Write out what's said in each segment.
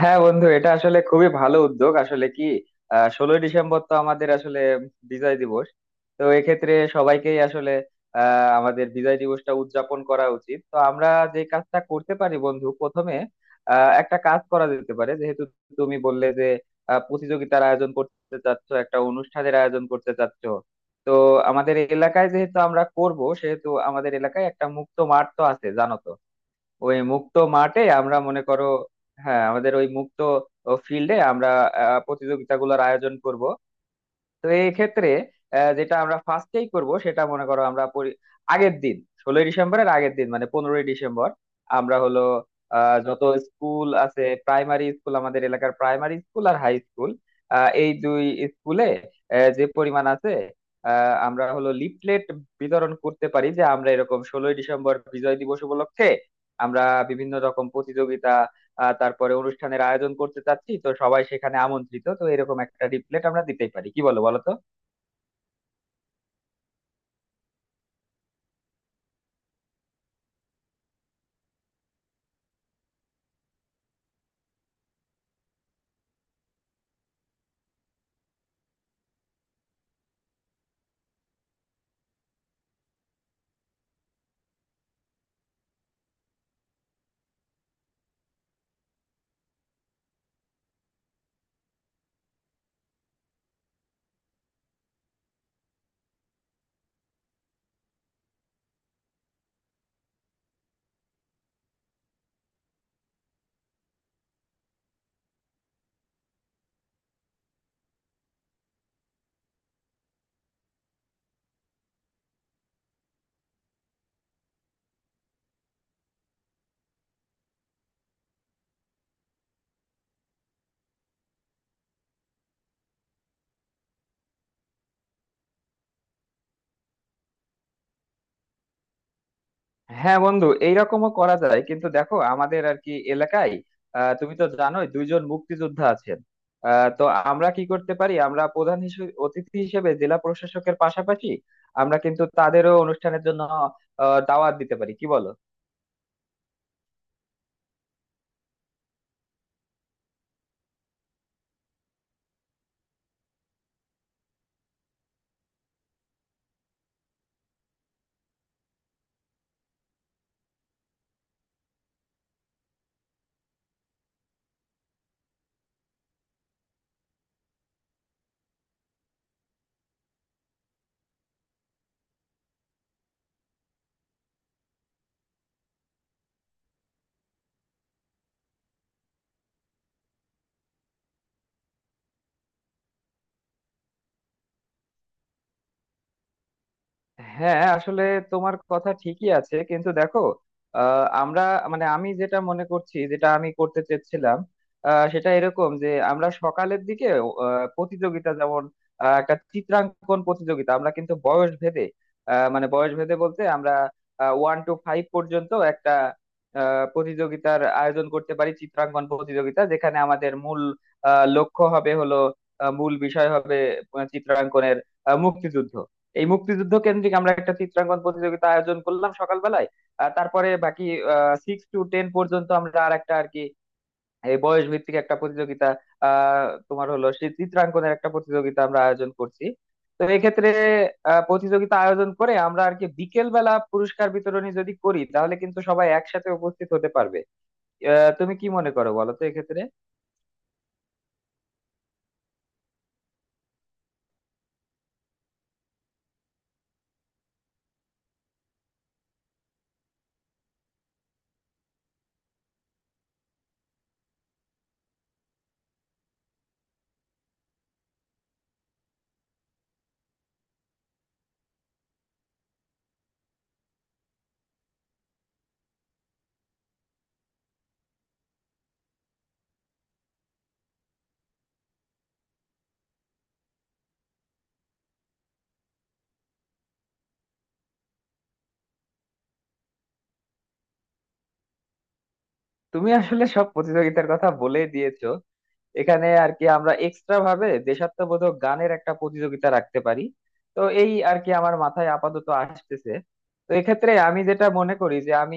হ্যাঁ বন্ধু, এটা আসলে খুবই ভালো উদ্যোগ। আসলে কি 16ই ডিসেম্বর তো আমাদের আসলে বিজয় দিবস। তো এক্ষেত্রে সবাইকেই আসলে আমাদের বিজয় দিবসটা উদযাপন করা উচিত। তো আমরা যে কাজটা করতে পারি বন্ধু প্রথমে, একটা কাজ করা যেতে পারে। যেহেতু তুমি বললে যে প্রতিযোগিতার আয়োজন করতে চাচ্ছ, একটা অনুষ্ঠানের আয়োজন করতে চাচ্ছ, তো আমাদের এলাকায় যেহেতু আমরা করব, সেহেতু আমাদের এলাকায় একটা মুক্ত মাঠ তো আছে, জানো তো? ওই মুক্ত মাঠে আমরা মনে করো, হ্যাঁ, আমাদের ওই মুক্ত ফিল্ডে আমরা প্রতিযোগিতাগুলোর আয়োজন করব। তো এই ক্ষেত্রে যেটা আমরা ফার্স্টেই করব সেটা মনে করো, আমরা আগের দিন, 16ই ডিসেম্বরের আগের দিন, মানে 15ই ডিসেম্বর আমরা হলো যত স্কুল আছে, প্রাইমারি স্কুল, আমাদের এলাকার প্রাইমারি স্কুল আর হাই স্কুল, এই দুই স্কুলে যে পরিমাণ আছে, আমরা হলো লিফলেট বিতরণ করতে পারি যে আমরা এরকম 16ই ডিসেম্বর বিজয় দিবস উপলক্ষে আমরা বিভিন্ন রকম প্রতিযোগিতা তারপরে অনুষ্ঠানের আয়োজন করতে চাচ্ছি, তো সবাই সেখানে আমন্ত্রিত, তো এরকম একটা লিফলেট আমরা দিতেই পারি। কি বলো, বলো তো? হ্যাঁ বন্ধু, এইরকমও করা যায়, কিন্তু দেখো আমাদের আর কি এলাকায় তুমি তো জানোই 2 জন মুক্তিযোদ্ধা আছেন। তো আমরা কি করতে পারি, আমরা প্রধান হিসেবে অতিথি হিসেবে জেলা প্রশাসকের পাশাপাশি আমরা কিন্তু তাদেরও অনুষ্ঠানের জন্য দাওয়াত দিতে পারি। কি বলো? হ্যাঁ আসলে তোমার কথা ঠিকই আছে, কিন্তু দেখো আমরা মানে আমি যেটা মনে করছি যেটা আমি করতে চেয়েছিলাম সেটা এরকম যে আমরা সকালের দিকে প্রতিযোগিতা যেমন একটা চিত্রাঙ্কন প্রতিযোগিতা আমরা কিন্তু বয়স ভেদে, মানে বয়স ভেদে বলতে আমরা 1 to 5 পর্যন্ত একটা প্রতিযোগিতার আয়োজন করতে পারি, চিত্রাঙ্কন প্রতিযোগিতা যেখানে আমাদের মূল লক্ষ্য হবে হলো মূল বিষয় হবে চিত্রাঙ্কনের মুক্তিযুদ্ধ। এই মুক্তিযুদ্ধ কেন্দ্রিক আমরা একটা চিত্রাঙ্কন প্রতিযোগিতা আয়োজন করলাম সকালবেলায়, আর তারপরে বাকি 6 to 10 পর্যন্ত আমরা আর একটা আর কি এই বয়স ভিত্তিক একটা প্রতিযোগিতা তোমার হলো সেই চিত্রাঙ্কনের একটা প্রতিযোগিতা আমরা আয়োজন করছি। তো এক্ষেত্রে প্রতিযোগিতা আয়োজন করে আমরা আর কি বিকেল বেলা পুরস্কার বিতরণী যদি করি, তাহলে কিন্তু সবাই একসাথে উপস্থিত হতে পারবে। তুমি কি মনে করো, বলো তো এক্ষেত্রে? তুমি আসলে সব প্রতিযোগিতার কথা বলেই দিয়েছো। এখানে আর কি আমরা এক্সট্রা ভাবে দেশাত্মবোধক গানের একটা প্রতিযোগিতা রাখতে পারি। তো এই আর কি আমার মাথায় আপাতত আসতেছে। তো এক্ষেত্রে আমি যেটা মনে করি যে আমি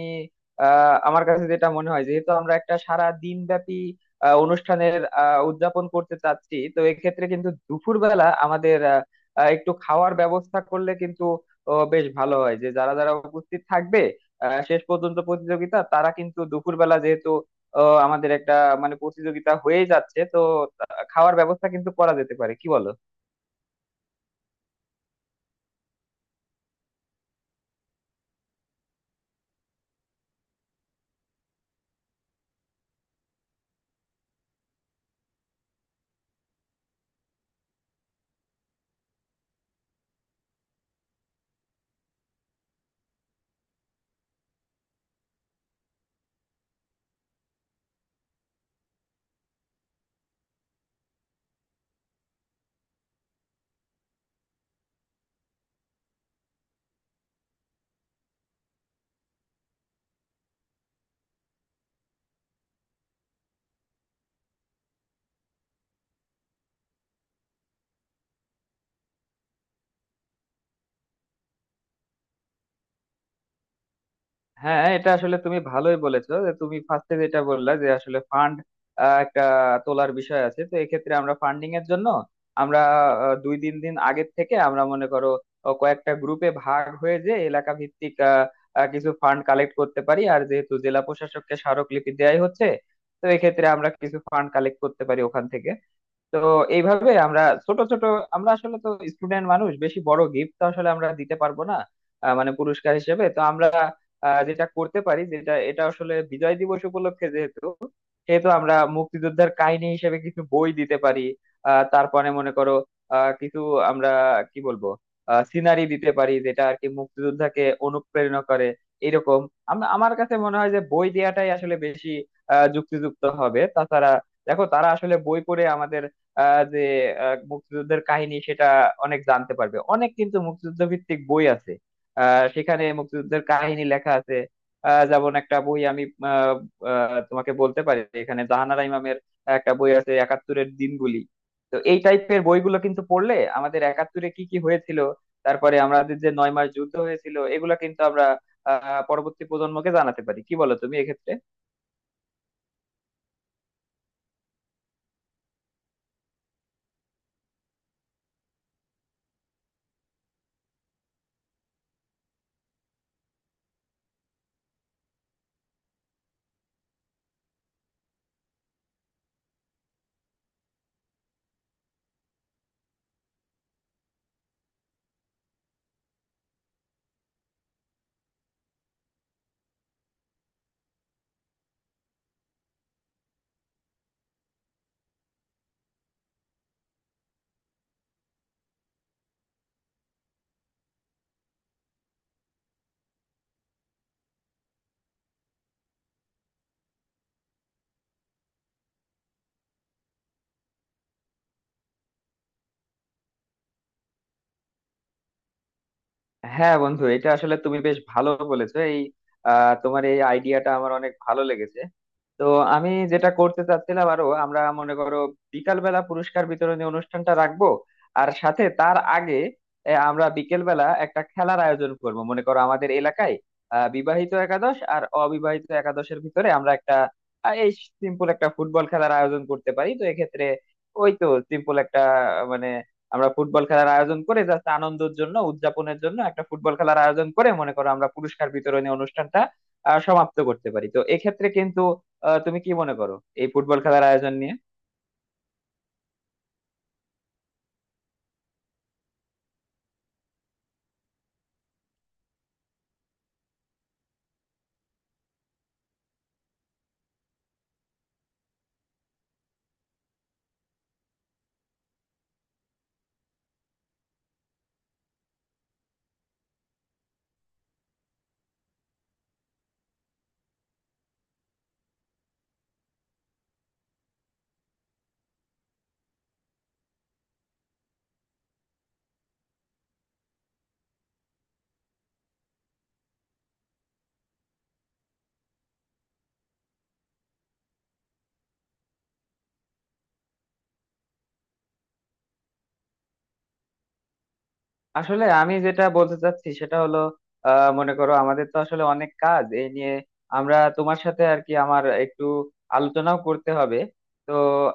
আমার কাছে যেটা মনে হয়, যেহেতু আমরা একটা সারা দিন ব্যাপী অনুষ্ঠানের উদযাপন করতে চাচ্ছি, তো এক্ষেত্রে কিন্তু দুপুরবেলা আমাদের আহ, আহ, একটু খাওয়ার ব্যবস্থা করলে কিন্তু বেশ ভালো হয়, যে যারা যারা উপস্থিত থাকবে শেষ পর্যন্ত প্রতিযোগিতা, তারা কিন্তু দুপুরবেলা যেহেতু আমাদের একটা মানে প্রতিযোগিতা হয়ে যাচ্ছে তো, খাওয়ার ব্যবস্থা কিন্তু করা যেতে পারে। কি বলো? হ্যাঁ এটা আসলে তুমি ভালোই বলেছো, যে তুমি ফার্স্টে যেটা বললা যে আসলে ফান্ড একটা তোলার বিষয় আছে। তো এক্ষেত্রে আমরা ফান্ডিং এর জন্য আমরা 2-3 দিন আগের থেকে আমরা মনে করো কয়েকটা গ্রুপে ভাগ হয়ে, যে এলাকা ভিত্তিক আহ, আহ, কিছু ফান্ড কালেক্ট করতে পারি। আর যেহেতু জেলা প্রশাসককে স্মারকলিপি দেয়াই হচ্ছে, তো এক্ষেত্রে আমরা কিছু ফান্ড কালেক্ট করতে পারি ওখান থেকে। তো এইভাবে আমরা ছোট ছোট, আমরা আসলে তো স্টুডেন্ট মানুষ, বেশি বড় গিফট তো আসলে আমরা দিতে পারবো না। মানে পুরস্কার হিসেবে তো আমরা যেটা করতে পারি, যেটা এটা আসলে বিজয় দিবস উপলক্ষে যেহেতু, সেহেতু আমরা মুক্তিযোদ্ধার কাহিনী হিসেবে কিছু বই দিতে পারি। তারপরে মনে করো কিছু আমরা কি বলবো, সিনারি দিতে পারি যেটা আর কি মুক্তিযোদ্ধাকে অনুপ্রেরণা করে এরকম। আমরা, আমার কাছে মনে হয় যে বই দেওয়াটাই আসলে বেশি যুক্তিযুক্ত হবে। তাছাড়া দেখো, তারা আসলে বই পড়ে আমাদের যে মুক্তিযুদ্ধের কাহিনী সেটা অনেক জানতে পারবে। অনেক কিন্তু মুক্তিযুদ্ধ ভিত্তিক বই আছে, সেখানে মুক্তিযুদ্ধের কাহিনী লেখা আছে। যেমন একটা বই আমি আহ, আহ, তোমাকে বলতে পারি, এখানে জাহানারা ইমামের একটা বই আছে একাত্তরের দিনগুলি। তো এই টাইপের বইগুলো কিন্তু পড়লে আমাদের একাত্তরে কি কি হয়েছিল, তারপরে আমাদের যে 9 মাস যুদ্ধ হয়েছিল, এগুলা কিন্তু আমরা পরবর্তী প্রজন্মকে জানাতে পারি। কি বলো তুমি এক্ষেত্রে? হ্যাঁ বন্ধু, এটা আসলে তুমি বেশ ভালো বলেছো। এই তোমার এই আইডিয়াটা আমার অনেক ভালো লেগেছে। তো আমি যেটা করতে চাচ্ছিলাম আরো, আমরা মনে করো বিকাল বেলা পুরস্কার বিতরণী অনুষ্ঠানটা রাখবো, আর সাথে তার আগে আমরা বিকেল বেলা একটা খেলার আয়োজন করব, মনে করো আমাদের এলাকায় বিবাহিত একাদশ আর অবিবাহিত একাদশের ভিতরে আমরা একটা আহ, এই সিম্পল একটা ফুটবল খেলার আয়োজন করতে পারি। তো এক্ষেত্রে ওই তো সিম্পল একটা আহ, মানে আমরা ফুটবল খেলার আয়োজন করে জাস্ট আনন্দের জন্য, উদযাপনের জন্য একটা ফুটবল খেলার আয়োজন করে মনে করো আমরা পুরস্কার বিতরণী অনুষ্ঠানটা সমাপ্ত করতে পারি। তো এক্ষেত্রে কিন্তু তুমি কি মনে করো এই ফুটবল খেলার আয়োজন নিয়ে? আসলে আমি যেটা বলতে চাচ্ছি সেটা হলো, মনে করো আমাদের তো আসলে অনেক কাজ এই নিয়ে, আমরা তোমার সাথে আর কি আমার একটু আলোচনাও করতে হবে। তো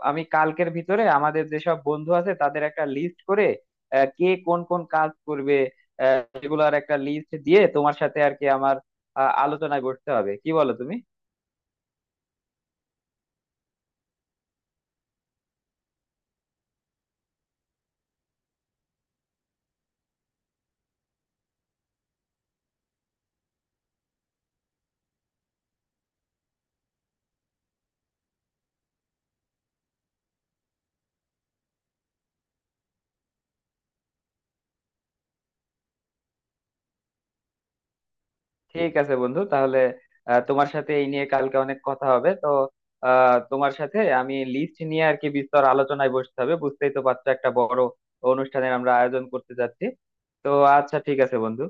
আমি কালকের ভিতরে আমাদের যেসব বন্ধু আছে তাদের একটা লিস্ট করে কে কোন কোন কাজ করবে, সেগুলোর একটা লিস্ট দিয়ে তোমার সাথে আর কি আমার আলোচনায় বসতে হবে। কি বলো তুমি? ঠিক আছে বন্ধু, তাহলে তোমার সাথে এই নিয়ে কালকে অনেক কথা হবে। তো তোমার সাথে আমি লিস্ট নিয়ে আর কি বিস্তর আলোচনায় বসতে হবে। বুঝতেই তো পারছো, একটা বড় অনুষ্ঠানের আমরা আয়োজন করতে যাচ্ছি। তো আচ্ছা, ঠিক আছে বন্ধু।